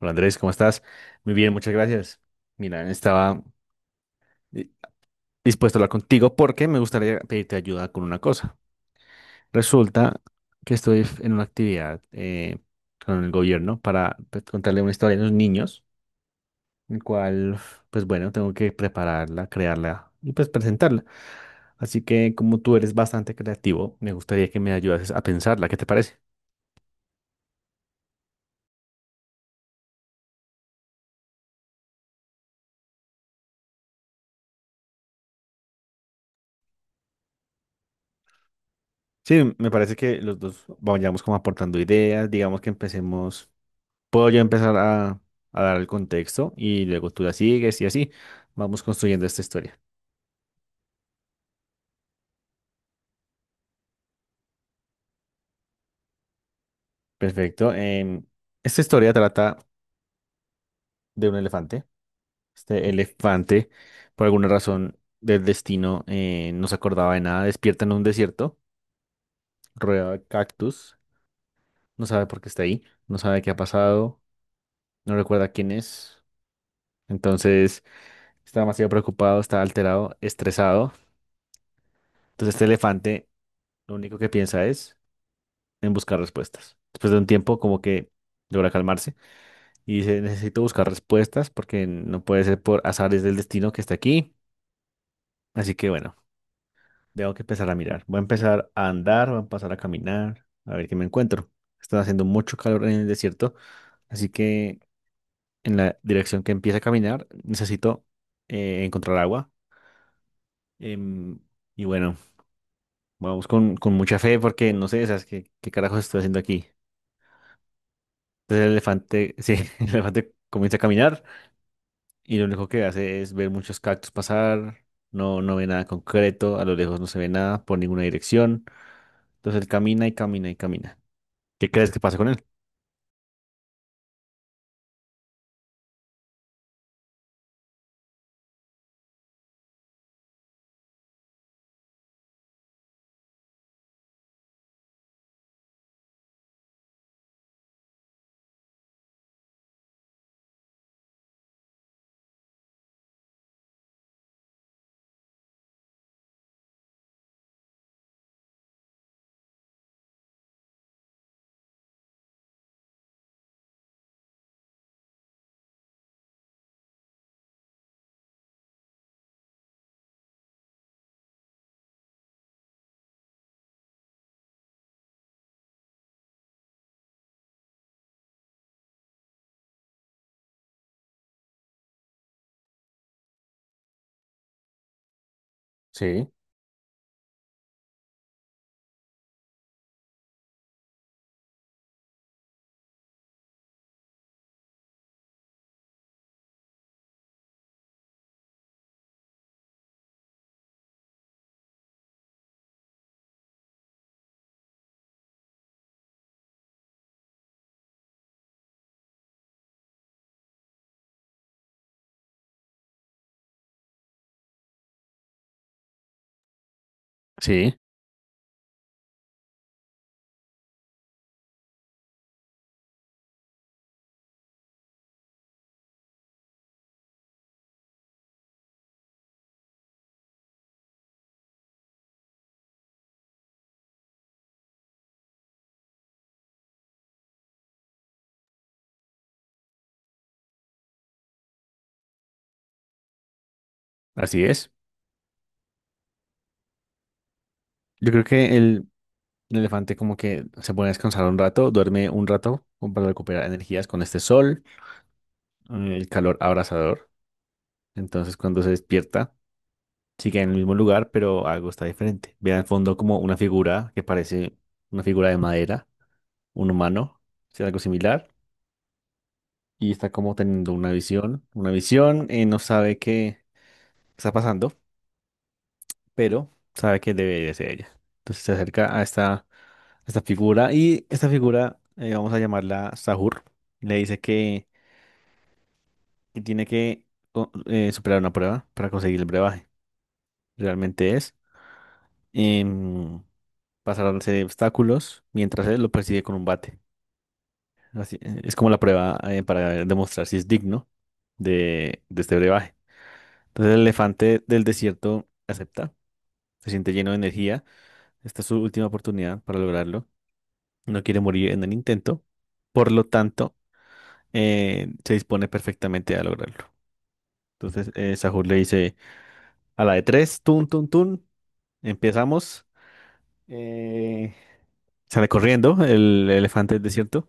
Hola Andrés, ¿cómo estás? Muy bien, muchas gracias. Mira, estaba di- dispuesto a hablar contigo porque me gustaría pedirte ayuda con una cosa. Resulta que estoy en una actividad con el gobierno para pues, contarle una historia a los niños, el cual, pues bueno, tengo que prepararla, crearla y pues presentarla. Así que como tú eres bastante creativo, me gustaría que me ayudases a pensarla. ¿Qué te parece? Sí, me parece que los dos vayamos como aportando ideas, digamos que empecemos. Puedo yo empezar a dar el contexto y luego tú la sigues y así vamos construyendo esta historia. Perfecto. Esta historia trata de un elefante. Este elefante, por alguna razón del destino, no se acordaba de nada. Despierta en un desierto, rodeado de cactus. No sabe por qué está ahí, no sabe qué ha pasado, no recuerda quién es. Entonces está demasiado preocupado, está alterado, estresado. Entonces este elefante lo único que piensa es en buscar respuestas. Después de un tiempo, como que logra calmarse y dice, necesito buscar respuestas porque no puede ser por azares del destino que está aquí. Así que bueno, tengo que empezar a mirar. Voy a empezar a andar, voy a empezar a caminar, a ver qué me encuentro. Está haciendo mucho calor en el desierto, así que en la dirección que empieza a caminar necesito encontrar agua. Em, y bueno, vamos con mucha fe porque no sé, ¿sabes qué carajos estoy haciendo aquí? Entonces el elefante, sí, el elefante comienza a caminar. Y lo único que hace es ver muchos cactus pasar, no ve nada concreto, a lo lejos no se ve nada por ninguna dirección. Entonces él camina y camina y camina. ¿Qué crees que pasa con él? Sí. Sí, así es. Yo creo que el elefante como que se pone a descansar un rato, duerme un rato como para recuperar energías con este sol, el calor abrasador. Entonces cuando se despierta, sigue en el mismo lugar, pero algo está diferente. Ve al fondo como una figura que parece una figura de madera, un humano, o sea, algo similar y está como teniendo una visión, no sabe qué está pasando, pero sabe que debe de ser ella. Entonces se acerca a a esta figura y esta figura, vamos a llamarla Sahur, le dice que tiene que superar una prueba para conseguir el brebaje. Realmente es em, pasar una serie de obstáculos mientras él lo persigue con un bate. Así, es como la prueba para demostrar si es digno de este brebaje. Entonces el elefante del desierto acepta, se siente lleno de energía. Esta es su última oportunidad para lograrlo. No quiere morir en el intento. Por lo tanto, se dispone perfectamente a lograrlo. Entonces Sahur le dice a la de tres, tun, tun, tun, empezamos. Eh, Sale corriendo el elefante del desierto.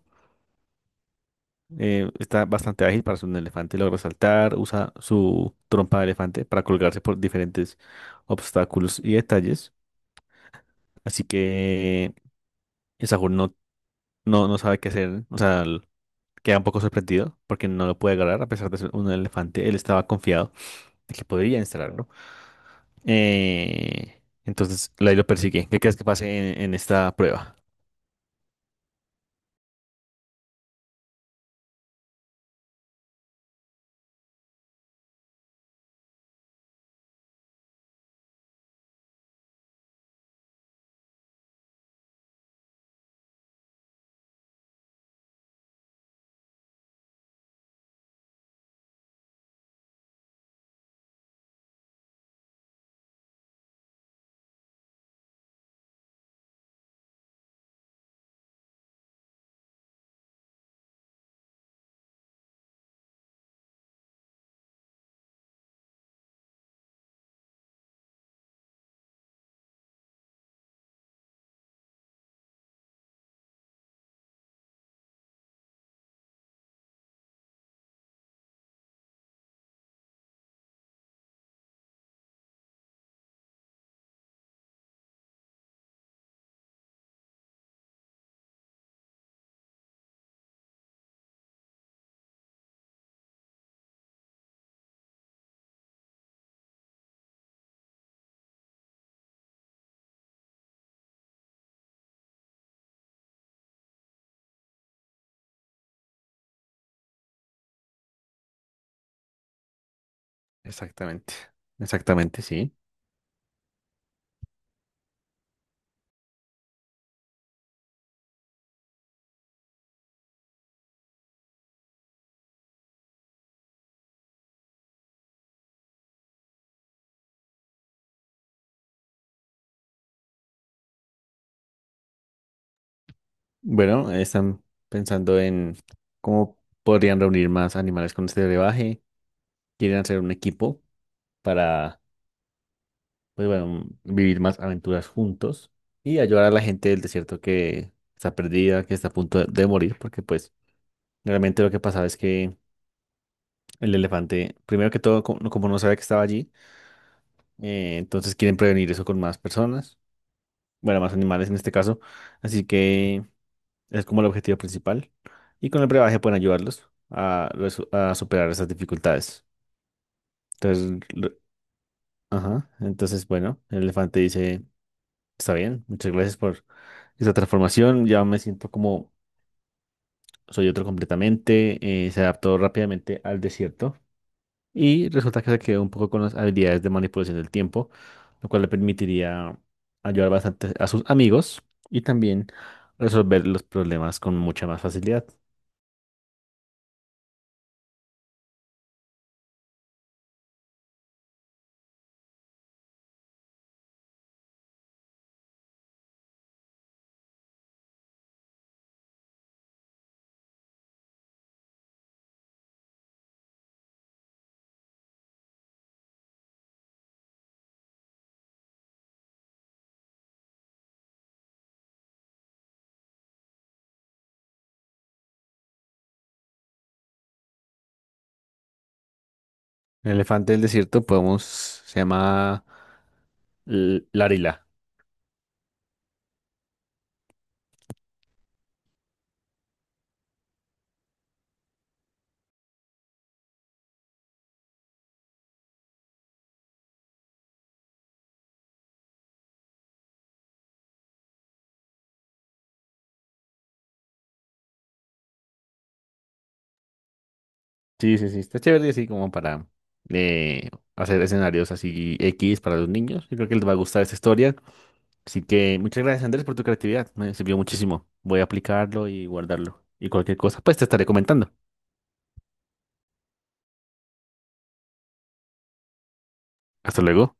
Está bastante ágil para ser un elefante, logra saltar, usa su trompa de elefante para colgarse por diferentes obstáculos y detalles. Así que y Sahur no, no sabe qué hacer, o sea, queda un poco sorprendido porque no lo puede agarrar a pesar de ser un elefante. Él estaba confiado de que podría instalarlo. Entonces, Lai lo persigue. ¿Qué crees que pase en esta prueba? Exactamente, exactamente, sí. Bueno, están pensando en cómo podrían reunir más animales con este brebaje. Quieren hacer un equipo para pues bueno, vivir más aventuras juntos y ayudar a la gente del desierto que está perdida, que está a punto de morir, porque pues realmente lo que pasaba es que el elefante, primero que todo, como no sabía que estaba allí, entonces quieren prevenir eso con más personas, bueno, más animales en este caso, así que es como el objetivo principal y con el brebaje pueden ayudarlos a, a superar esas dificultades. Entonces, ajá, entonces bueno, el elefante dice, está bien, muchas gracias por esa transformación. Ya me siento como soy otro completamente, se adaptó rápidamente al desierto y resulta que se quedó un poco con las habilidades de manipulación del tiempo, lo cual le permitiría ayudar bastante a sus amigos y también resolver los problemas con mucha más facilidad. El elefante del desierto podemos, se llama Larila. Sí, sí, sí, está chévere así como para eh, hacer escenarios así X para los niños. Yo creo que les va a gustar esta historia. Así que muchas gracias, Andrés, por tu creatividad. Me sirvió muchísimo. Voy a aplicarlo y guardarlo. Y cualquier cosa, pues te estaré comentando. Hasta luego.